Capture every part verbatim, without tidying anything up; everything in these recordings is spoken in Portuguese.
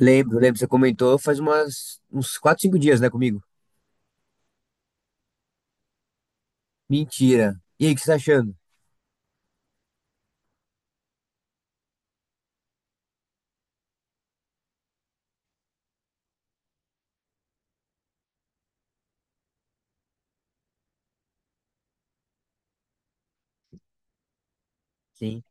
Lembro, lembro, você comentou faz umas, uns quatro cinco dias, né, comigo? Mentira. E aí, o que você tá achando? Sim,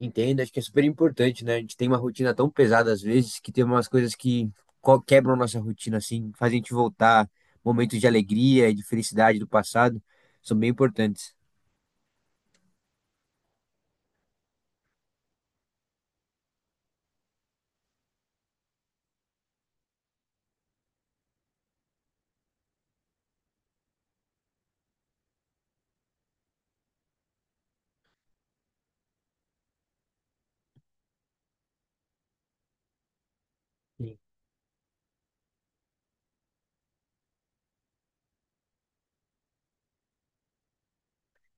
entendo, acho que é super importante, né? A gente tem uma rotina tão pesada às vezes que tem umas coisas que co- quebram a nossa rotina, assim, fazem a gente voltar. Momentos de alegria e de felicidade do passado são bem importantes.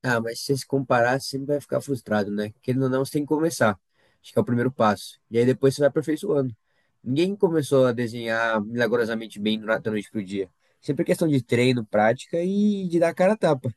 Ah, mas se você se comparar, você sempre vai ficar frustrado, né? Querendo ou não, você tem que começar. Acho que é o primeiro passo. E aí depois você vai aperfeiçoando. Ninguém começou a desenhar milagrosamente bem do na- da noite pro dia. Sempre é questão de treino, prática e de dar a cara a tapa.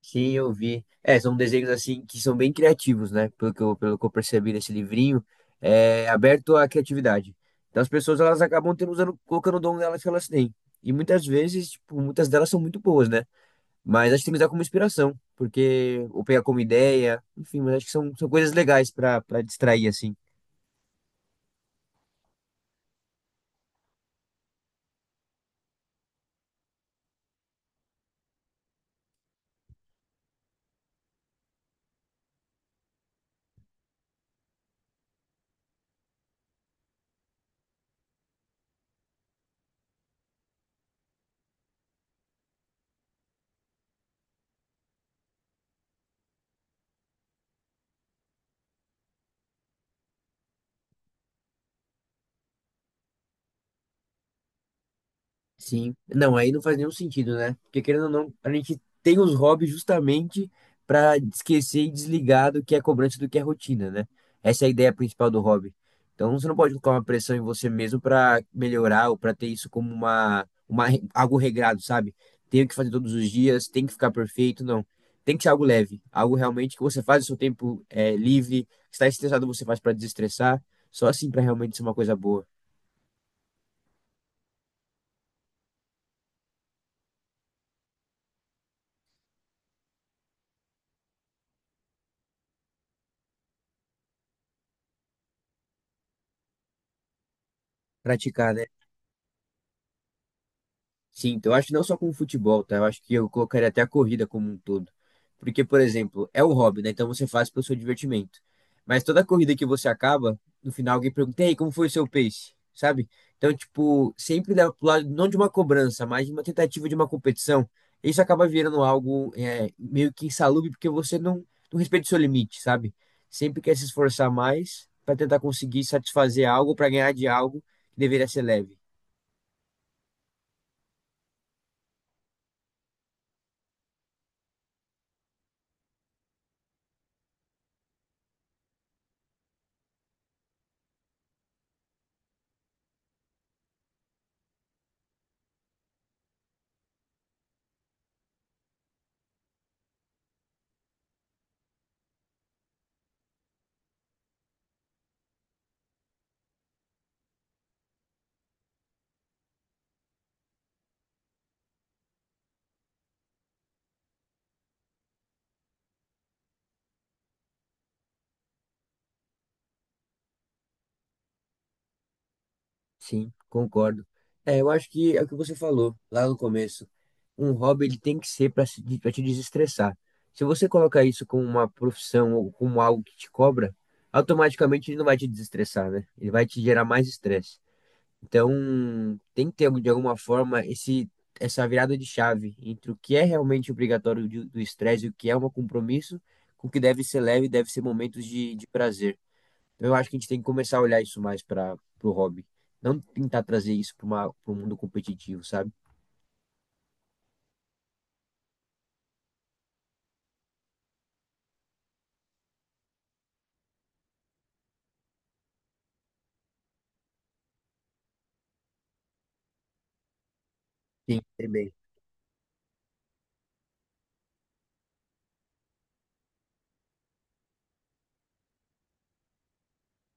Sim, eu vi. É, são desenhos assim que são bem criativos, né? Pelo que eu, pelo que eu percebi nesse livrinho, é aberto à criatividade. Então as pessoas elas acabam tendo usando, colocando o dom delas que elas têm. E muitas vezes, tipo, muitas delas são muito boas, né? Mas acho que tem que usar como inspiração, porque ou pegar como ideia, enfim, mas acho que são, são coisas legais pra para distrair assim. Sim. Não, aí não faz nenhum sentido, né? Porque querendo ou não, a gente tem os hobbies justamente para esquecer e desligar do que é cobrança e do que é rotina, né? Essa é a ideia principal do hobby. Então você não pode colocar uma pressão em você mesmo para melhorar ou para ter isso como uma, uma re- algo regrado, sabe? Tenho que fazer todos os dias, tem que ficar perfeito, não. Tem que ser algo leve, algo realmente que você faz o seu tempo é, livre, está estressado, você faz para desestressar, só assim para realmente ser uma coisa boa. Praticar, né? Sim, então, eu acho que não só com o futebol, tá? Eu acho que eu colocaria até a corrida como um todo. Porque, por exemplo, é um hobby, né? Então você faz pelo seu divertimento. Mas toda corrida que você acaba, no final alguém pergunta, e aí, como foi o seu pace? Sabe? Então, tipo, sempre leva pro lado não de uma cobrança, mas de uma tentativa de uma competição. Isso acaba virando algo é, meio que insalubre, porque você não, não respeita o seu limite, sabe? Sempre quer se esforçar mais para tentar conseguir satisfazer algo, para ganhar de algo que deveria ser leve. Sim, concordo. É, eu acho que é o que você falou lá no começo. Um hobby ele tem que ser para te desestressar. Se você colocar isso como uma profissão ou como algo que te cobra, automaticamente ele não vai te desestressar, né? Ele vai te gerar mais estresse. Então, tem que ter de alguma forma esse essa virada de chave entre o que é realmente obrigatório de- do estresse e o que é um compromisso, com o que deve ser leve e deve ser momentos de, de prazer. Eu acho que a gente tem que começar a olhar isso mais para o hobby. Não tentar trazer isso para o mundo competitivo, sabe? Tem que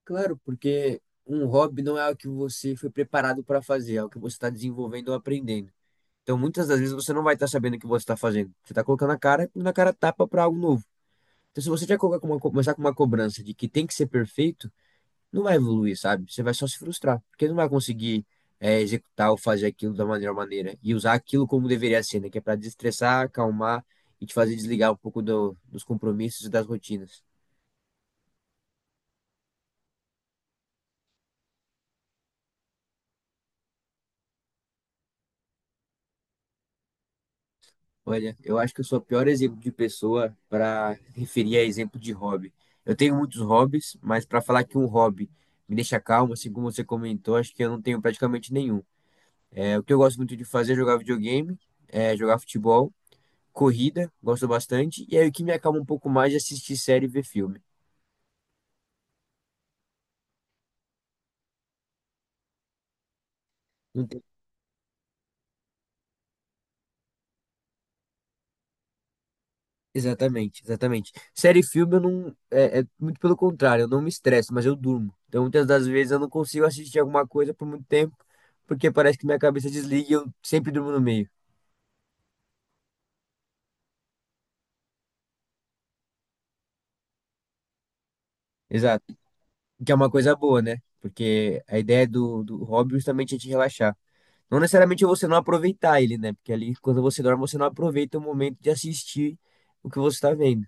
Claro, porque um hobby não é algo que você foi preparado para fazer, é algo que você está desenvolvendo ou aprendendo. Então, muitas das vezes você não vai estar sabendo o que você está fazendo. Você está colocando a cara e na cara tapa para algo novo. Então, se você já colocar com uma, co- começar com uma cobrança de que tem que ser perfeito, não vai evoluir, sabe? Você vai só se frustrar, porque não vai conseguir é, executar ou fazer aquilo da melhor maneira e usar aquilo como deveria ser, né? Que é para desestressar, acalmar e te fazer desligar um pouco do- dos compromissos e das rotinas. Olha, eu acho que eu sou o pior exemplo de pessoa para referir a exemplo de hobby. Eu tenho muitos hobbies, mas para falar que um hobby me deixa calmo, assim como você comentou, acho que eu não tenho praticamente nenhum. É, o que eu gosto muito de fazer é jogar videogame, é, jogar futebol. Corrida, gosto bastante, e aí o que me acalma um pouco mais é assistir série e ver filme. Não tem- Exatamente, exatamente. Série e filme eu não. É, é muito pelo contrário, eu não me estresso, mas eu durmo. Então muitas das vezes eu não consigo assistir alguma coisa por muito tempo, porque parece que minha cabeça desliga e eu sempre durmo no meio. Exato. Que é uma coisa boa, né? Porque a ideia do, do hobby justamente é te relaxar. Não necessariamente você não aproveitar ele, né? Porque ali, quando você dorme, você não aproveita o momento de assistir o que você está vendo.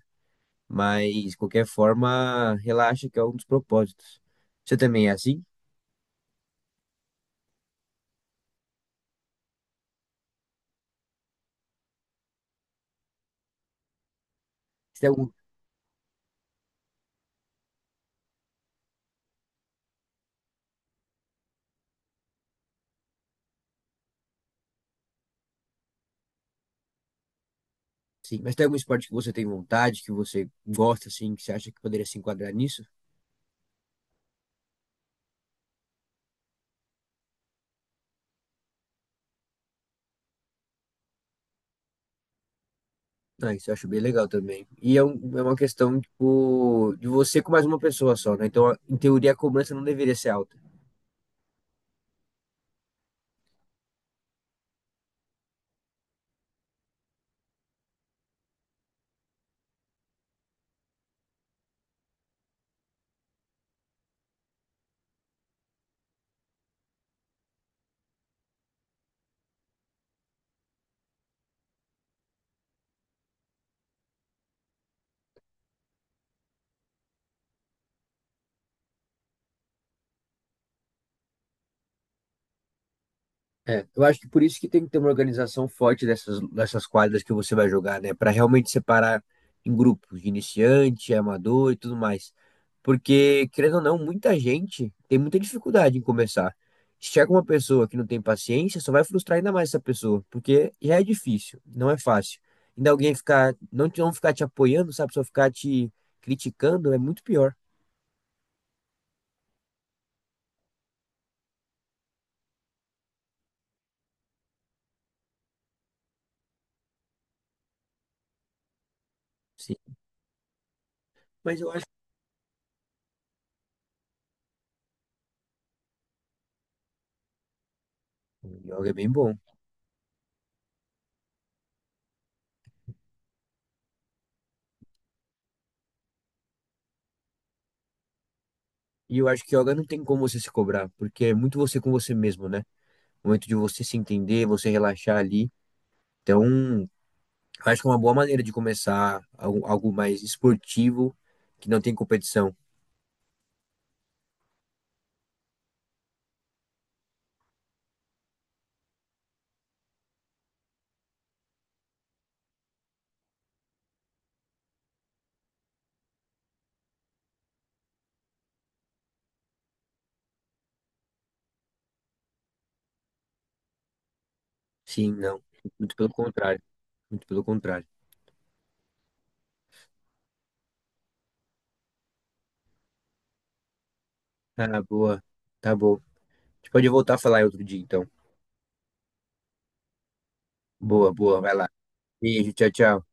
Mas, de qualquer forma, relaxa que é um dos propósitos. Você também é assim? Você tem algum... Sim, mas tem algum esporte que você tem vontade, que você gosta, assim, que você acha que poderia se enquadrar nisso? Ah, isso eu acho bem legal também. E é, um- é uma questão, tipo, de você com mais uma pessoa só, né? Então, em teoria, a cobrança não deveria ser alta. É, eu acho que por isso que tem que ter uma organização forte dessas, dessas quadras que você vai jogar, né? Para realmente separar em grupos de iniciante, amador e tudo mais. Porque, querendo ou não, muita gente tem muita dificuldade em começar. Se chega uma pessoa que não tem paciência, só vai frustrar ainda mais essa pessoa, porque já é difícil, não é fácil. Ainda alguém ficar, não, te- não ficar te apoiando, sabe? Só ficar te criticando é muito pior. Sim. Mas eu acho que o yoga é bem bom. E eu acho que yoga não tem como você se cobrar, porque é muito você com você mesmo, né? O momento de você se entender, você relaxar ali. Então, eu acho que é uma boa maneira de começar algo, algo mais esportivo, que não tem competição. Sim, não. Muito pelo contrário. Muito pelo contrário. Ah, boa. Tá bom. A gente pode voltar a falar em outro dia, então. Boa, boa. Vai lá. Beijo, tchau, tchau.